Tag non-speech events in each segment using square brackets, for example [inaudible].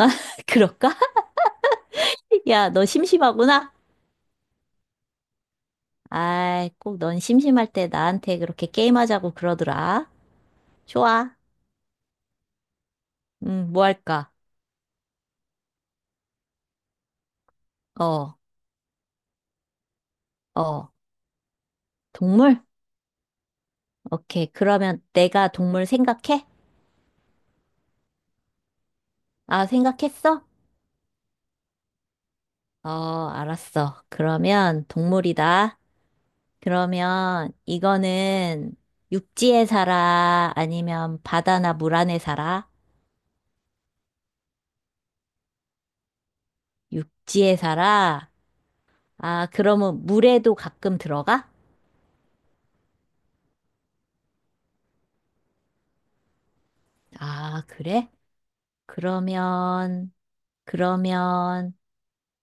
아, [laughs] 그럴까? 야, 너 심심하구나? 아이, 꼭 넌 심심할 때 나한테 그렇게 게임하자고 그러더라. 좋아. 뭐 할까? 어, 어, 동물? 오케이. 그러면 내가 동물 생각해? 아, 생각했어? 어, 알았어. 그러면 동물이다. 그러면 이거는 육지에 살아? 아니면 바다나 물 안에 살아? 육지에 살아? 아, 그러면 물에도 가끔 들어가? 아, 그래? 그러면, 그러면,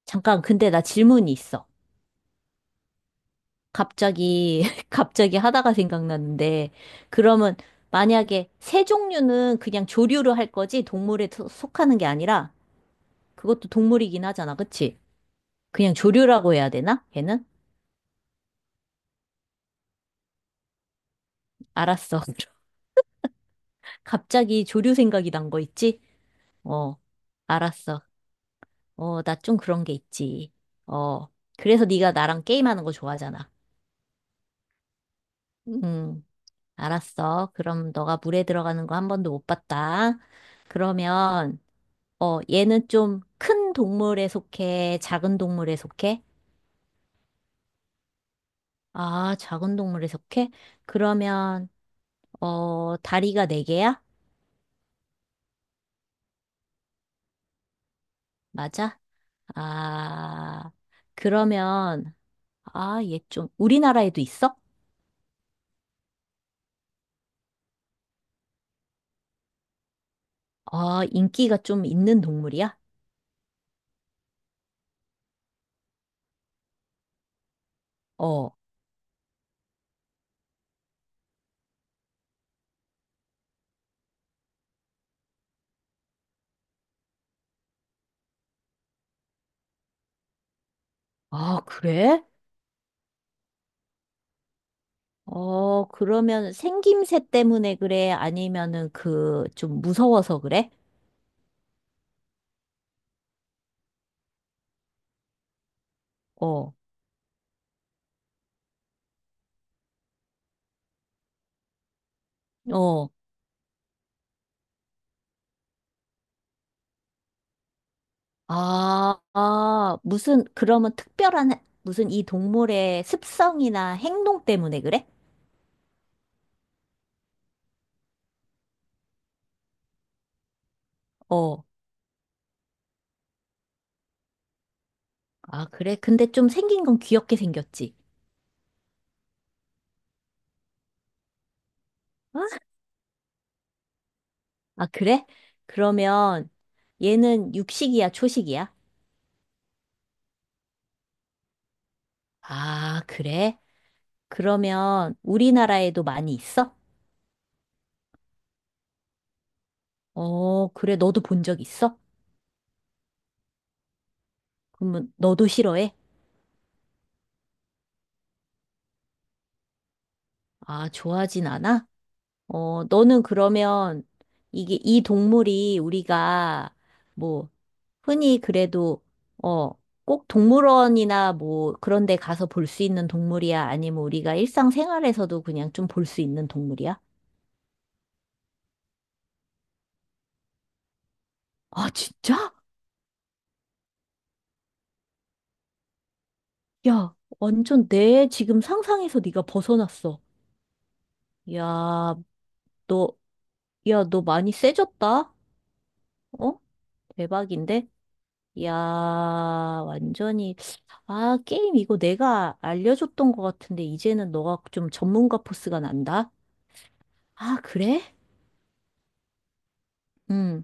잠깐, 근데 나 질문이 있어. 갑자기, [laughs] 갑자기 하다가 생각났는데, 그러면 만약에 새 종류는 그냥 조류로 할 거지, 동물에 속하는 게 아니라, 그것도 동물이긴 하잖아, 그치? 그냥 조류라고 해야 되나? 걔는? 알았어. [laughs] 갑자기 조류 생각이 난 거 있지? 어, 알았어. 어, 나 좀 그런 게 있지. 어, 그래서 네가 나랑 게임하는 거 좋아하잖아. 음. 알았어. 그럼 너가 물에 들어가는 거 한 번도 못 봤다. 그러면, 얘는 좀 큰 동물에 속해? 작은 동물에 속해? 아, 작은 동물에 속해? 그러면, 다리가 네 개야? 맞아? 아, 그러면, 아, 얘 좀, 우리나라에도 있어? 아, 인기가 좀 있는 동물이야? 어, 아, 그래? 어, 그러면 생김새 때문에 그래? 아니면은 그, 좀 무서워서 그래? 어, 어. 아, 아, 무슨, 그러면 특별한, 무슨 이 동물의 습성이나 행동 때문에 그래? 어, 아, 그래? 근데 좀 생긴 건 귀엽게 생겼지. 어? 아, 그래? 그러면 얘는 육식이야, 초식이야? 아, 그래? 그러면 우리나라에도 많이 있어? 어, 그래. 너도 본 적 있어? 그러면 너도 싫어해? 아, 좋아하진 않아? 어, 너는 그러면 이게 이 동물이 우리가 뭐 흔히 그래도 어, 꼭 동물원이나 뭐 그런 데 가서 볼 수 있는 동물이야? 아니면 우리가 일상생활에서도 그냥 좀 볼 수 있는 동물이야? 아, 진짜? 야, 완전 내 지금 상상에서 네가 벗어났어. 야, 너, 야, 너 많이 세졌다? 어? 대박인데? 야, 완전히, 아, 게임 이거 내가 알려줬던 것 같은데, 이제는 너가 좀 전문가 포스가 난다? 아, 그래? 응.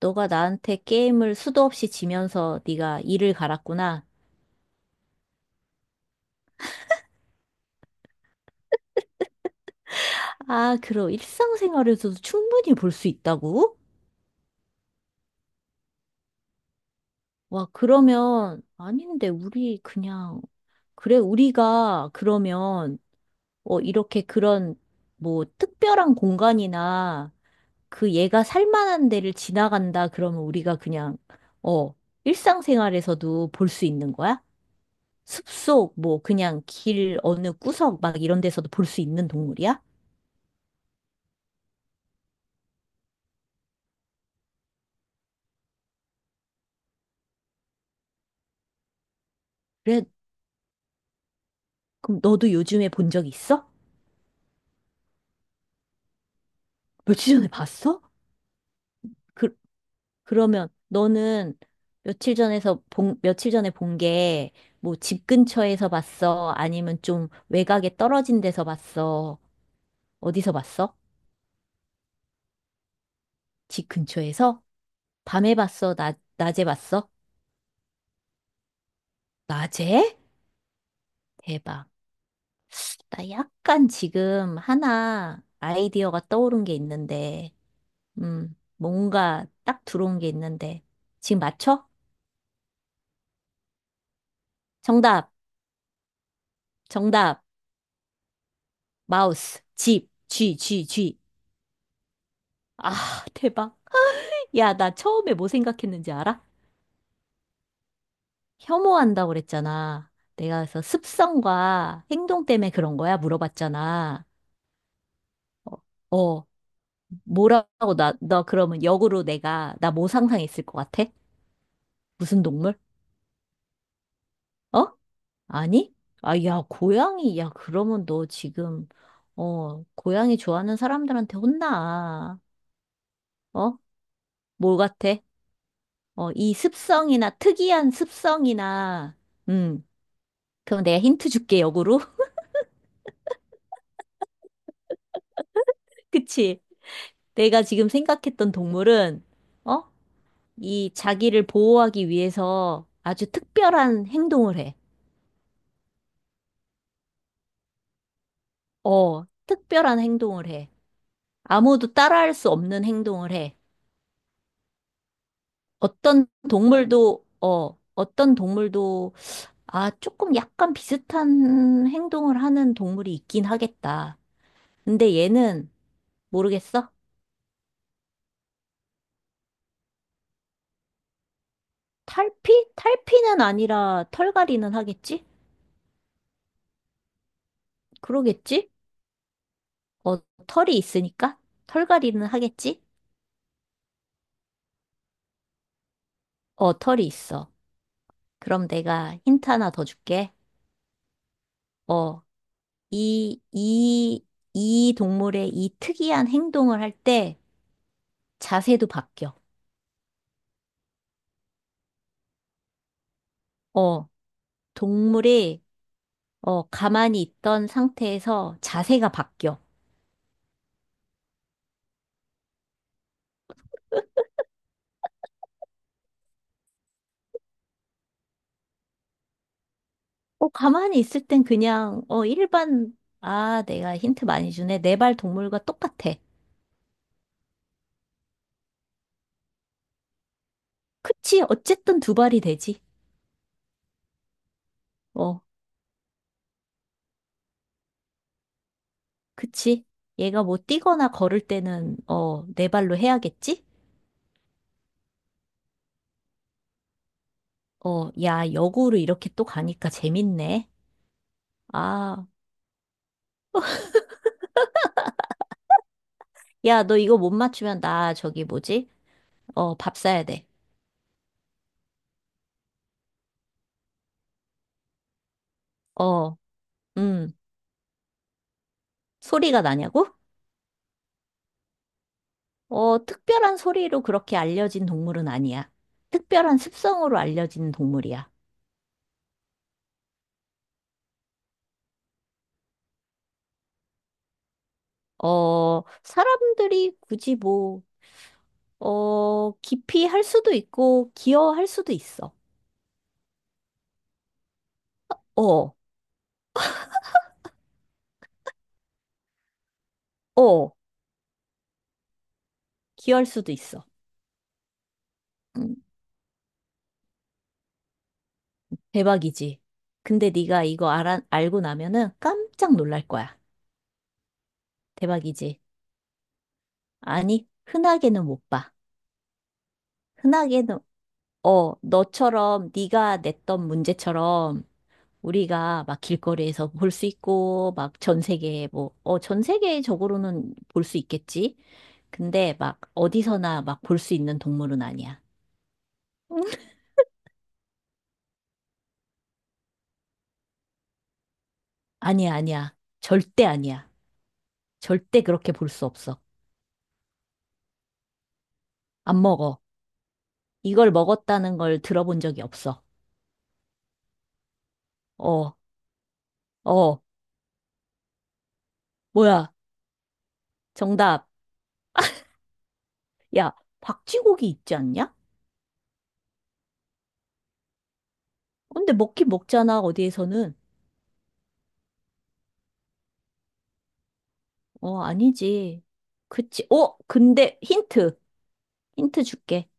너가 나한테 게임을 수도 없이 지면서 네가 이를 갈았구나. 아, 그럼 일상생활에서도 충분히 볼 수 있다고? 와, 그러면, 아닌데, 우리 그냥, 그래, 우리가 그러면, 이렇게 그런, 뭐, 특별한 공간이나, 그 얘가 살만한 데를 지나간다 그러면 우리가 그냥 어 일상생활에서도 볼 수 있는 거야? 숲속 뭐 그냥 길 어느 구석 막 이런 데서도 볼 수 있는 동물이야? 그래, 그럼 너도 요즘에 본 적 있어? 며칠 전에 봤어? 그 그러면 너는 며칠 전에 본 게 뭐 집 근처에서 봤어? 아니면 좀 외곽에 떨어진 데서 봤어? 어디서 봤어? 집 근처에서? 밤에 봤어? 낮 낮에 봤어? 낮에? 대박. 나 약간 지금 하나 아이디어가 떠오른 게 있는데, 뭔가 딱 들어온 게 있는데, 지금 맞춰? 정답, 정답, 마우스, 집, 쥐, 쥐, 쥐. 아, [laughs] 대박. 야, 나 처음에 뭐 생각했는지 알아? 혐오한다고 그랬잖아. 내가 그래서 습성과 행동 때문에 그런 거야? 물어봤잖아. 어, 어, 뭐라고 나, 너 그러면 역으로 내가, 나 뭐 상상했을 것 같아? 무슨 동물? 어? 아니? 아, 야, 고양이. 야, 그러면 너 지금, 고양이 좋아하는 사람들한테 혼나. 어? 뭘 같아? 어, 이 습성이나, 특이한 습성이나, 음, 그럼 내가 힌트 줄게, 역으로. [laughs] 그치? 내가 지금 생각했던 동물은, 어? 이 자기를 보호하기 위해서 아주 특별한 행동을 해. 어, 특별한 행동을 해. 아무도 따라할 수 없는 행동을 해. 어떤 동물도, 아, 조금 약간 비슷한 행동을 하는 동물이 있긴 하겠다. 근데 얘는 모르겠어? 탈피? 탈피는 아니라 털갈이는 하겠지? 그러겠지? 어, 털이 있으니까? 털갈이는 하겠지? 어, 털이 있어. 그럼 내가 힌트 하나 더 줄게. 어, 이, 이, 이 동물의 이 특이한 행동을 할 때 자세도 바뀌어. 어, 동물이 가만히 있던 상태에서 자세가 바뀌어. 어, 가만히 있을 땐 그냥, 아, 내가 힌트 많이 주네. 네 발 동물과 똑같아. 그치? 어쨌든 두 발이 되지. 어, 그치? 얘가 뭐 뛰거나 걸을 때는, 네 발로 해야겠지? 어, 야, 역으로 이렇게 또 가니까 재밌네. 아, 야, 너 이거 못 맞추면 나 저기 뭐지? 어, 밥 사야 돼. 어, 음, 소리가 나냐고? 어, 특별한 소리로 그렇게 알려진 동물은 아니야. 특별한 습성으로 알려진 동물이야. 어, 사람들이 굳이 뭐, 기피할 수도 있고, 기어할 수도 있어. 어, 어, 기어할 수도 있어. 음, 대박이지. 근데 네가 이거 알고 나면은 깜짝 놀랄 거야. 대박이지. 아니, 흔하게는 못 봐. 흔하게는, 너처럼 네가 냈던 문제처럼 우리가 막 길거리에서 볼 수 있고, 막 전 세계에 뭐, 어, 전 세계적으로는 볼 수 있겠지? 근데 막 어디서나 막 볼 수 있는 동물은 아니야. 아니야, 아니야. 절대 아니야. 절대 그렇게 볼 수 없어. 안 먹어. 이걸 먹었다는 걸 들어본 적이 없어. 어, 어, 뭐야. 정답. 야, 박쥐고기 있지 않냐? 근데 먹긴 먹잖아, 어디에서는. 어, 아니지. 그치. 어, 근데 힌트. 힌트 줄게.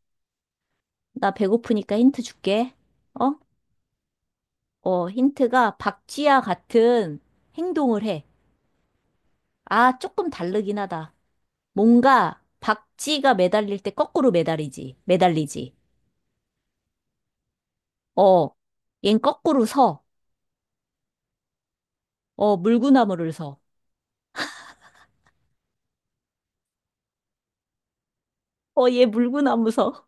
나 배고프니까 힌트 줄게. 어? 어, 힌트가 박쥐와 같은 행동을 해. 아, 조금 다르긴 하다. 뭔가 박쥐가 매달릴 때 거꾸로 매달리지. 매달리지. 어, 얜 거꾸로 서. 어, 물구나무를 서. 어, 얘 물구나무 서.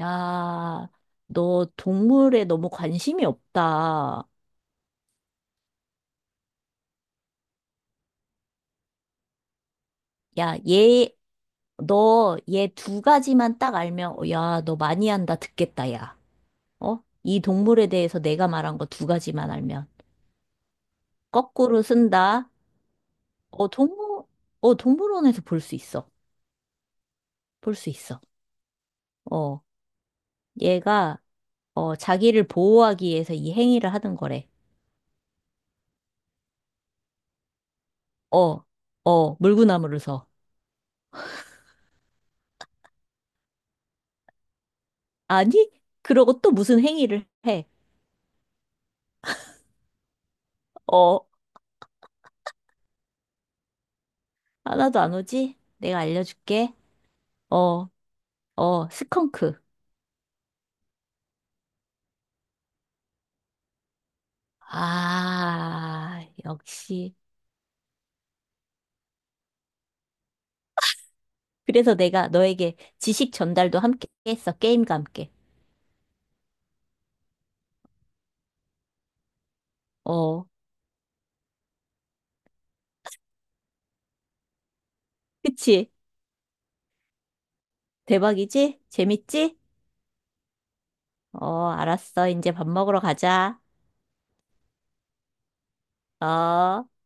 야, 너 동물에 너무 관심이 없다. 야, 얘, 너 얘 두 가지만 딱 알면, 야, 너 많이 한다. 듣겠다, 야. 어? 이 동물에 대해서 내가 말한 거 두 가지만 알면. 거꾸로 쓴다. 어, 동물원에서 볼 수 있어. 볼 수 있어. 어, 얘가, 자기를 보호하기 위해서 이 행위를 하는 거래. 어, 어, 물구나무를 서. 아니? 그러고 또 무슨 행위를 해. 어, 하나도 안 오지? 내가 알려줄게. 어, 어, 스컹크. 아, 역시. 그래서 내가 너에게 지식 전달도 함께 했어. 게임과 함께. 어. 그치? 대박이지? 재밌지? 어, 알았어. 이제 밥 먹으러 가자. 어.